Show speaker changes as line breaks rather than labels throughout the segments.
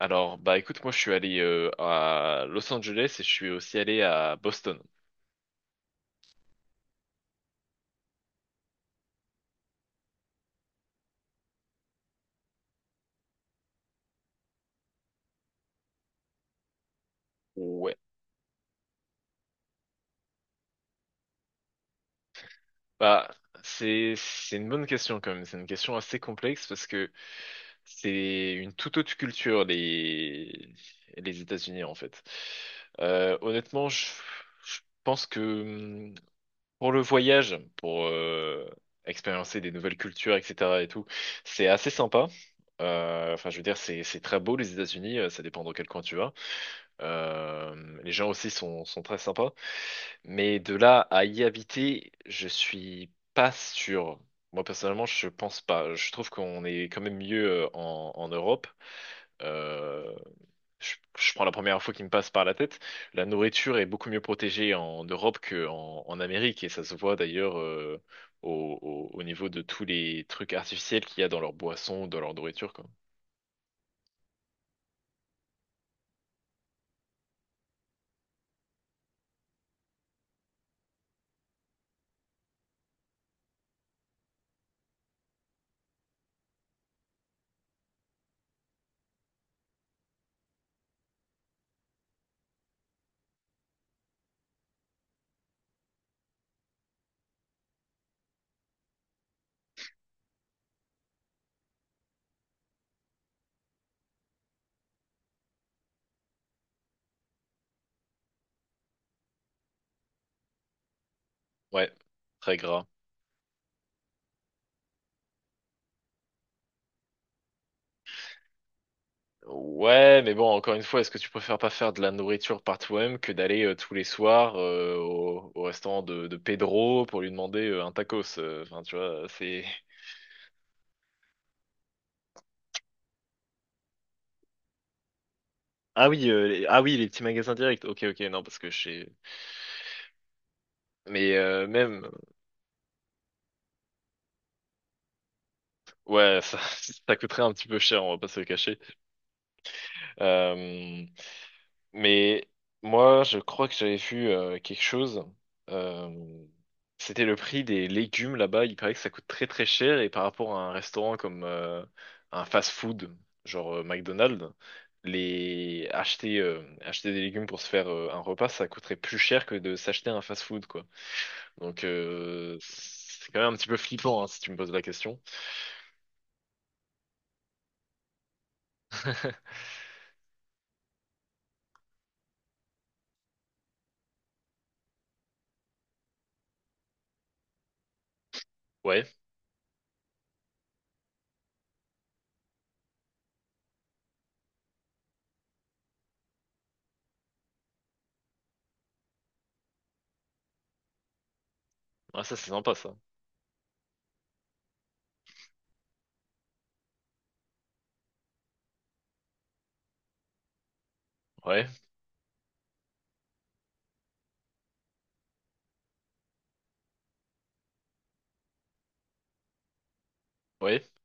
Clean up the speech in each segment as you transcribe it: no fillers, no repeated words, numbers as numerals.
Alors, écoute, moi je suis allé à Los Angeles et je suis aussi allé à Boston. Ouais. Bah, c'est une bonne question quand même. C'est une question assez complexe parce que c'est une toute autre culture les États-Unis en fait. Honnêtement, je pense que pour le voyage, pour expérimenter des nouvelles cultures, etc. et tout, c'est assez sympa. Enfin, je veux dire, c'est très beau les États-Unis. Ça dépend dans quel coin tu vas. Les gens aussi sont très sympas. Mais de là à y habiter, je suis pas sûr. Moi, personnellement, je pense pas. Je trouve qu'on est quand même mieux en, en Europe. Euh, je prends la première info qui me passe par la tête. La nourriture est beaucoup mieux protégée en Europe qu'en en Amérique. Et ça se voit d'ailleurs au, au niveau de tous les trucs artificiels qu'il y a dans leurs boissons, dans leur nourriture, quoi. Ouais, très gras. Ouais, mais bon, encore une fois, est-ce que tu préfères pas faire de la nourriture par toi-même que d'aller tous les soirs au, au restaurant de Pedro pour lui demander un tacos? Enfin, tu vois, c'est... Ah oui, ah oui, les petits magasins directs. Ok, ok, non, parce que chez... Mais même, ouais, ça, ça coûterait un petit peu cher, on va pas se le cacher. Euh, Mais moi, je crois que j'avais vu quelque chose. Euh, C'était le prix des légumes là-bas. Il paraît que ça coûte très très cher et par rapport à un restaurant comme un fast-food, genre McDonald's, les acheter acheter des légumes pour se faire un repas, ça coûterait plus cher que de s'acheter un fast-food quoi. Donc c'est quand même un petit peu flippant hein, si tu me poses la question. Ouais, ouais, ça c'est sympa ça. Ouais, ouais.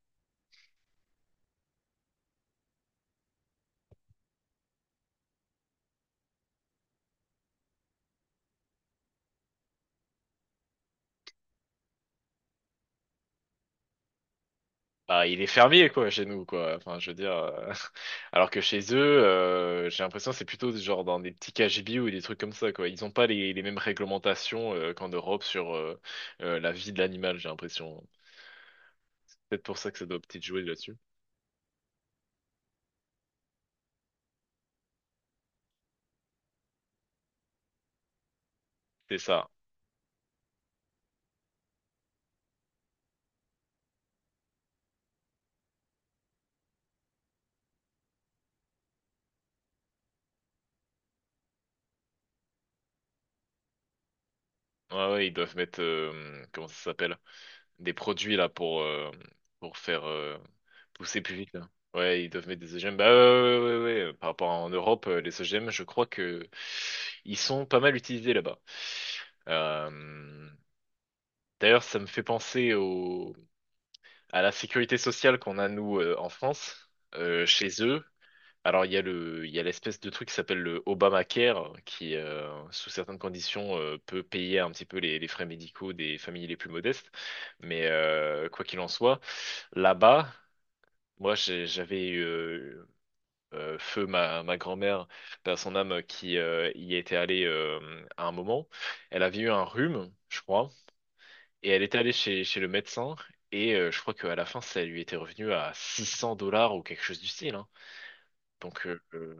Bah, il est fermier, quoi, chez nous, quoi. Enfin, je veux dire. Alors que chez eux, j'ai l'impression que c'est plutôt genre dans des petits KGB ou des trucs comme ça, quoi. Ils n'ont pas les, les mêmes réglementations qu'en Europe sur la vie de l'animal, j'ai l'impression. Peut-être pour ça que ça doit peut-être jouer là-dessus. C'est ça. Ouais, ouais, ils doivent mettre. Comment ça s'appelle? Des produits là pour faire pousser plus vite là. Ouais, ils doivent mettre des OGM. Bah ouais, ouais, ouais, ouais, ouais. Par rapport à en Europe, les OGM, je crois que ils sont pas mal utilisés là-bas. Euh, D'ailleurs, ça me fait penser au à la sécurité sociale qu'on a nous en France. Chez eux, alors, il y a le, il y a l'espèce de truc qui s'appelle le Obamacare, qui, sous certaines conditions, peut payer un petit peu les frais médicaux des familles les plus modestes. Mais quoi qu'il en soit, là-bas, moi, j'avais feu ma, ma grand-mère, par son âme, qui y était allée à un moment. Elle avait eu un rhume, je crois, et elle était allée chez, chez le médecin. Et je crois qu'à la fin, ça lui était revenu à 600 € ou quelque chose du style, hein. Donc,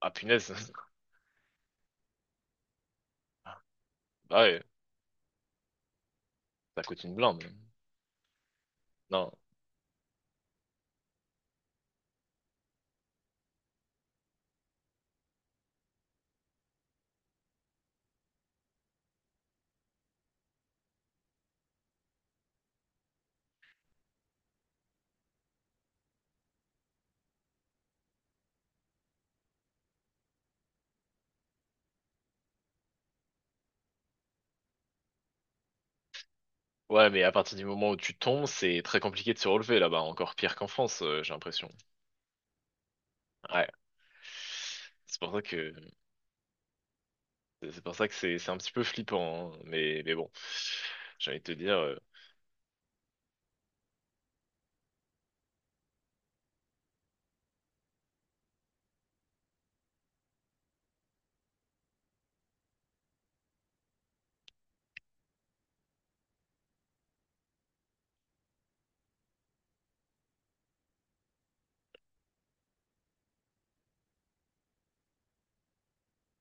ah punaise. Bah ouais, ça coûte une blinde. Non. Ouais, mais à partir du moment où tu tombes, c'est très compliqué de se relever là-bas, encore pire qu'en France, j'ai l'impression. Ouais. C'est pour ça que c'est un petit peu flippant, hein. Mais bon. J'ai envie de te dire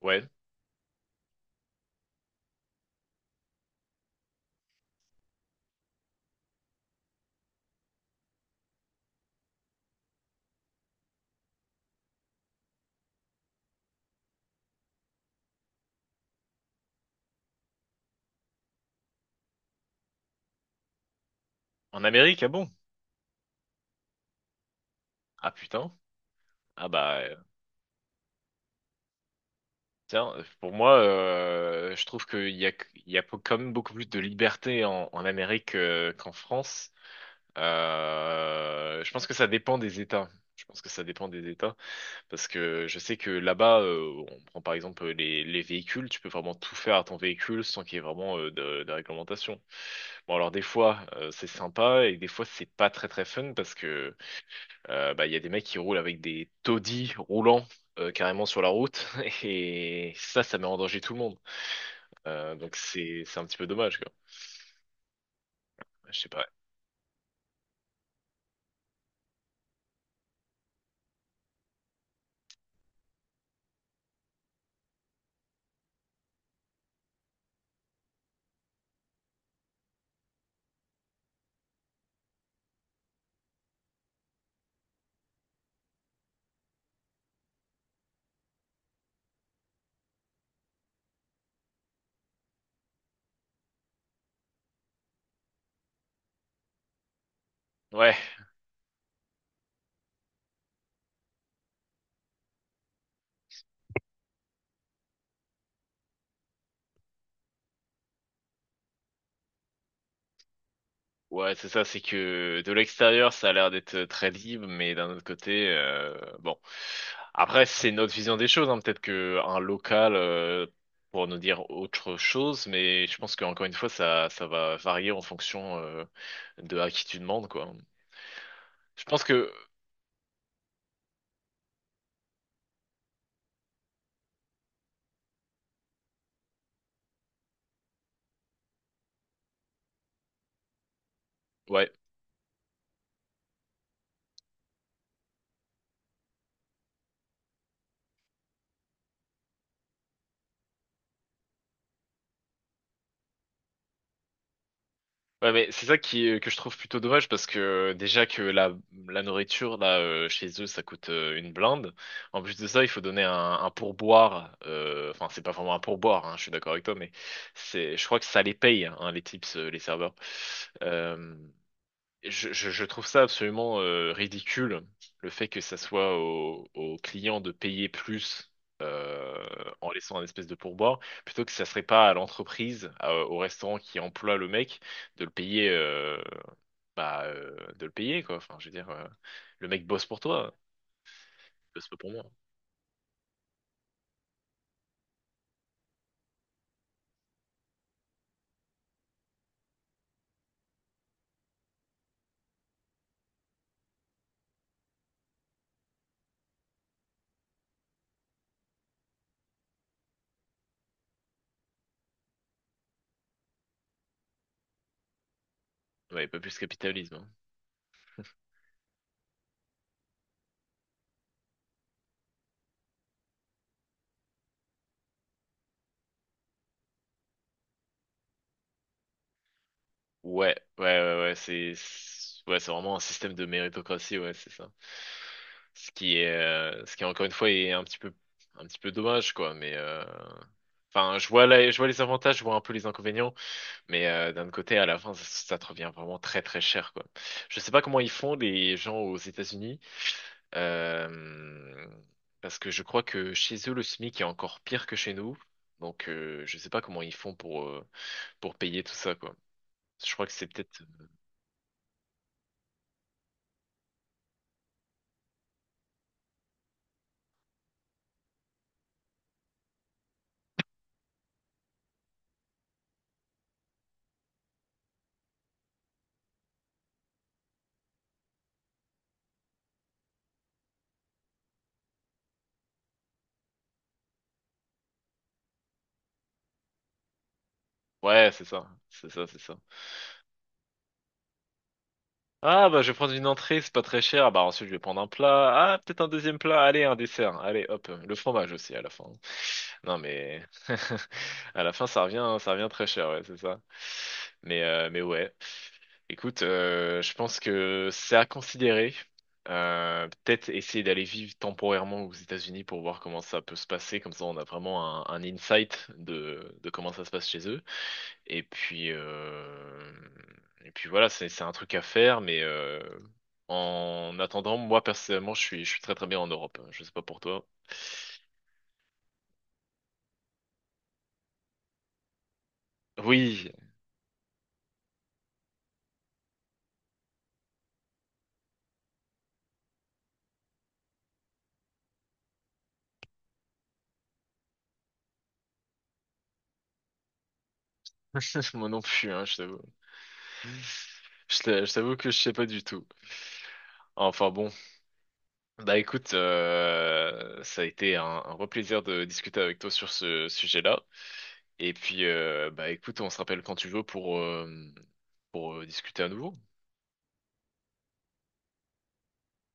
ouais, en Amérique, ah bon? Ah putain. Ah bah tiens, pour moi je trouve qu'il y a quand même beaucoup plus de liberté en, en Amérique qu'en France. Je pense que ça dépend des États. Je pense que ça dépend des États. Parce que je sais que là-bas, on prend par exemple les véhicules, tu peux vraiment tout faire à ton véhicule sans qu'il y ait vraiment de réglementation. Bon alors des fois c'est sympa et des fois c'est pas très très fun parce que bah, il y a des mecs qui roulent avec des taudis roulants carrément sur la route et ça ça met en danger tout le monde. Donc c'est un petit peu dommage quoi. Je sais pas. Ouais. Ouais, c'est ça, c'est que de l'extérieur, ça a l'air d'être très libre, mais d'un autre côté, bon. Après, c'est notre vision des choses, hein. Peut-être que un local pour nous dire autre chose, mais je pense qu'encore une fois, ça va varier en fonction de à qui tu demandes, quoi. Je pense que, ouais. Ouais, mais c'est ça qui que je trouve plutôt dommage parce que déjà que la nourriture là chez eux ça coûte une blinde. En plus de ça, il faut donner un pourboire. Enfin, c'est pas vraiment un pourboire, hein, je suis d'accord avec toi, mais c'est, je crois que ça les paye hein, les tips, les serveurs. Euh, je trouve ça absolument ridicule, le fait que ça soit aux aux clients de payer plus euh, en laissant un espèce de pourboire, plutôt que ça serait pas à l'entreprise, au restaurant qui emploie le mec, de le payer, de le payer quoi. Enfin, je veux dire, le mec bosse pour toi, bosse pas pour moi. Ouais, pas plus capitalisme, hein. Ouais, ouais, ouais, ouais, ouais, c'est vraiment un système de méritocratie, ouais, c'est ça. Ce qui est, ce qui encore une fois est un petit peu dommage, quoi. Mais, enfin, je vois les avantages, je vois un peu les inconvénients, mais d'un autre côté, à la fin, ça te revient vraiment très, très cher, quoi. Je sais pas comment ils font les gens aux États-Unis, euh, parce que je crois que chez eux, le SMIC est encore pire que chez nous. Donc, je sais pas comment ils font pour payer tout ça, quoi. Je crois que c'est peut-être. Ouais, c'est ça, c'est ça, c'est ça. Ah bah je vais prendre une entrée, c'est pas très cher. Ah, bah ensuite je vais prendre un plat. Ah peut-être un deuxième plat. Allez un dessert. Allez hop le fromage aussi à la fin. Non mais à la fin ça revient très cher ouais c'est ça. Mais ouais. Écoute, je pense que c'est à considérer. Peut-être essayer d'aller vivre temporairement aux États-Unis pour voir comment ça peut se passer. Comme ça on a vraiment un insight de comment ça se passe chez eux. Et puis, euh, et puis voilà, c'est un truc à faire, mais en attendant, moi personnellement, je suis très très bien en Europe, hein. Je sais pas pour toi. Oui, moi non plus, hein, je t'avoue. Je t'avoue que je sais pas du tout. Enfin bon, bah écoute, ça a été un vrai plaisir de discuter avec toi sur ce sujet-là. Et puis, bah écoute, on se rappelle quand tu veux pour, discuter à nouveau.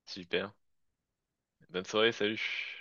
Super. Bonne soirée, salut.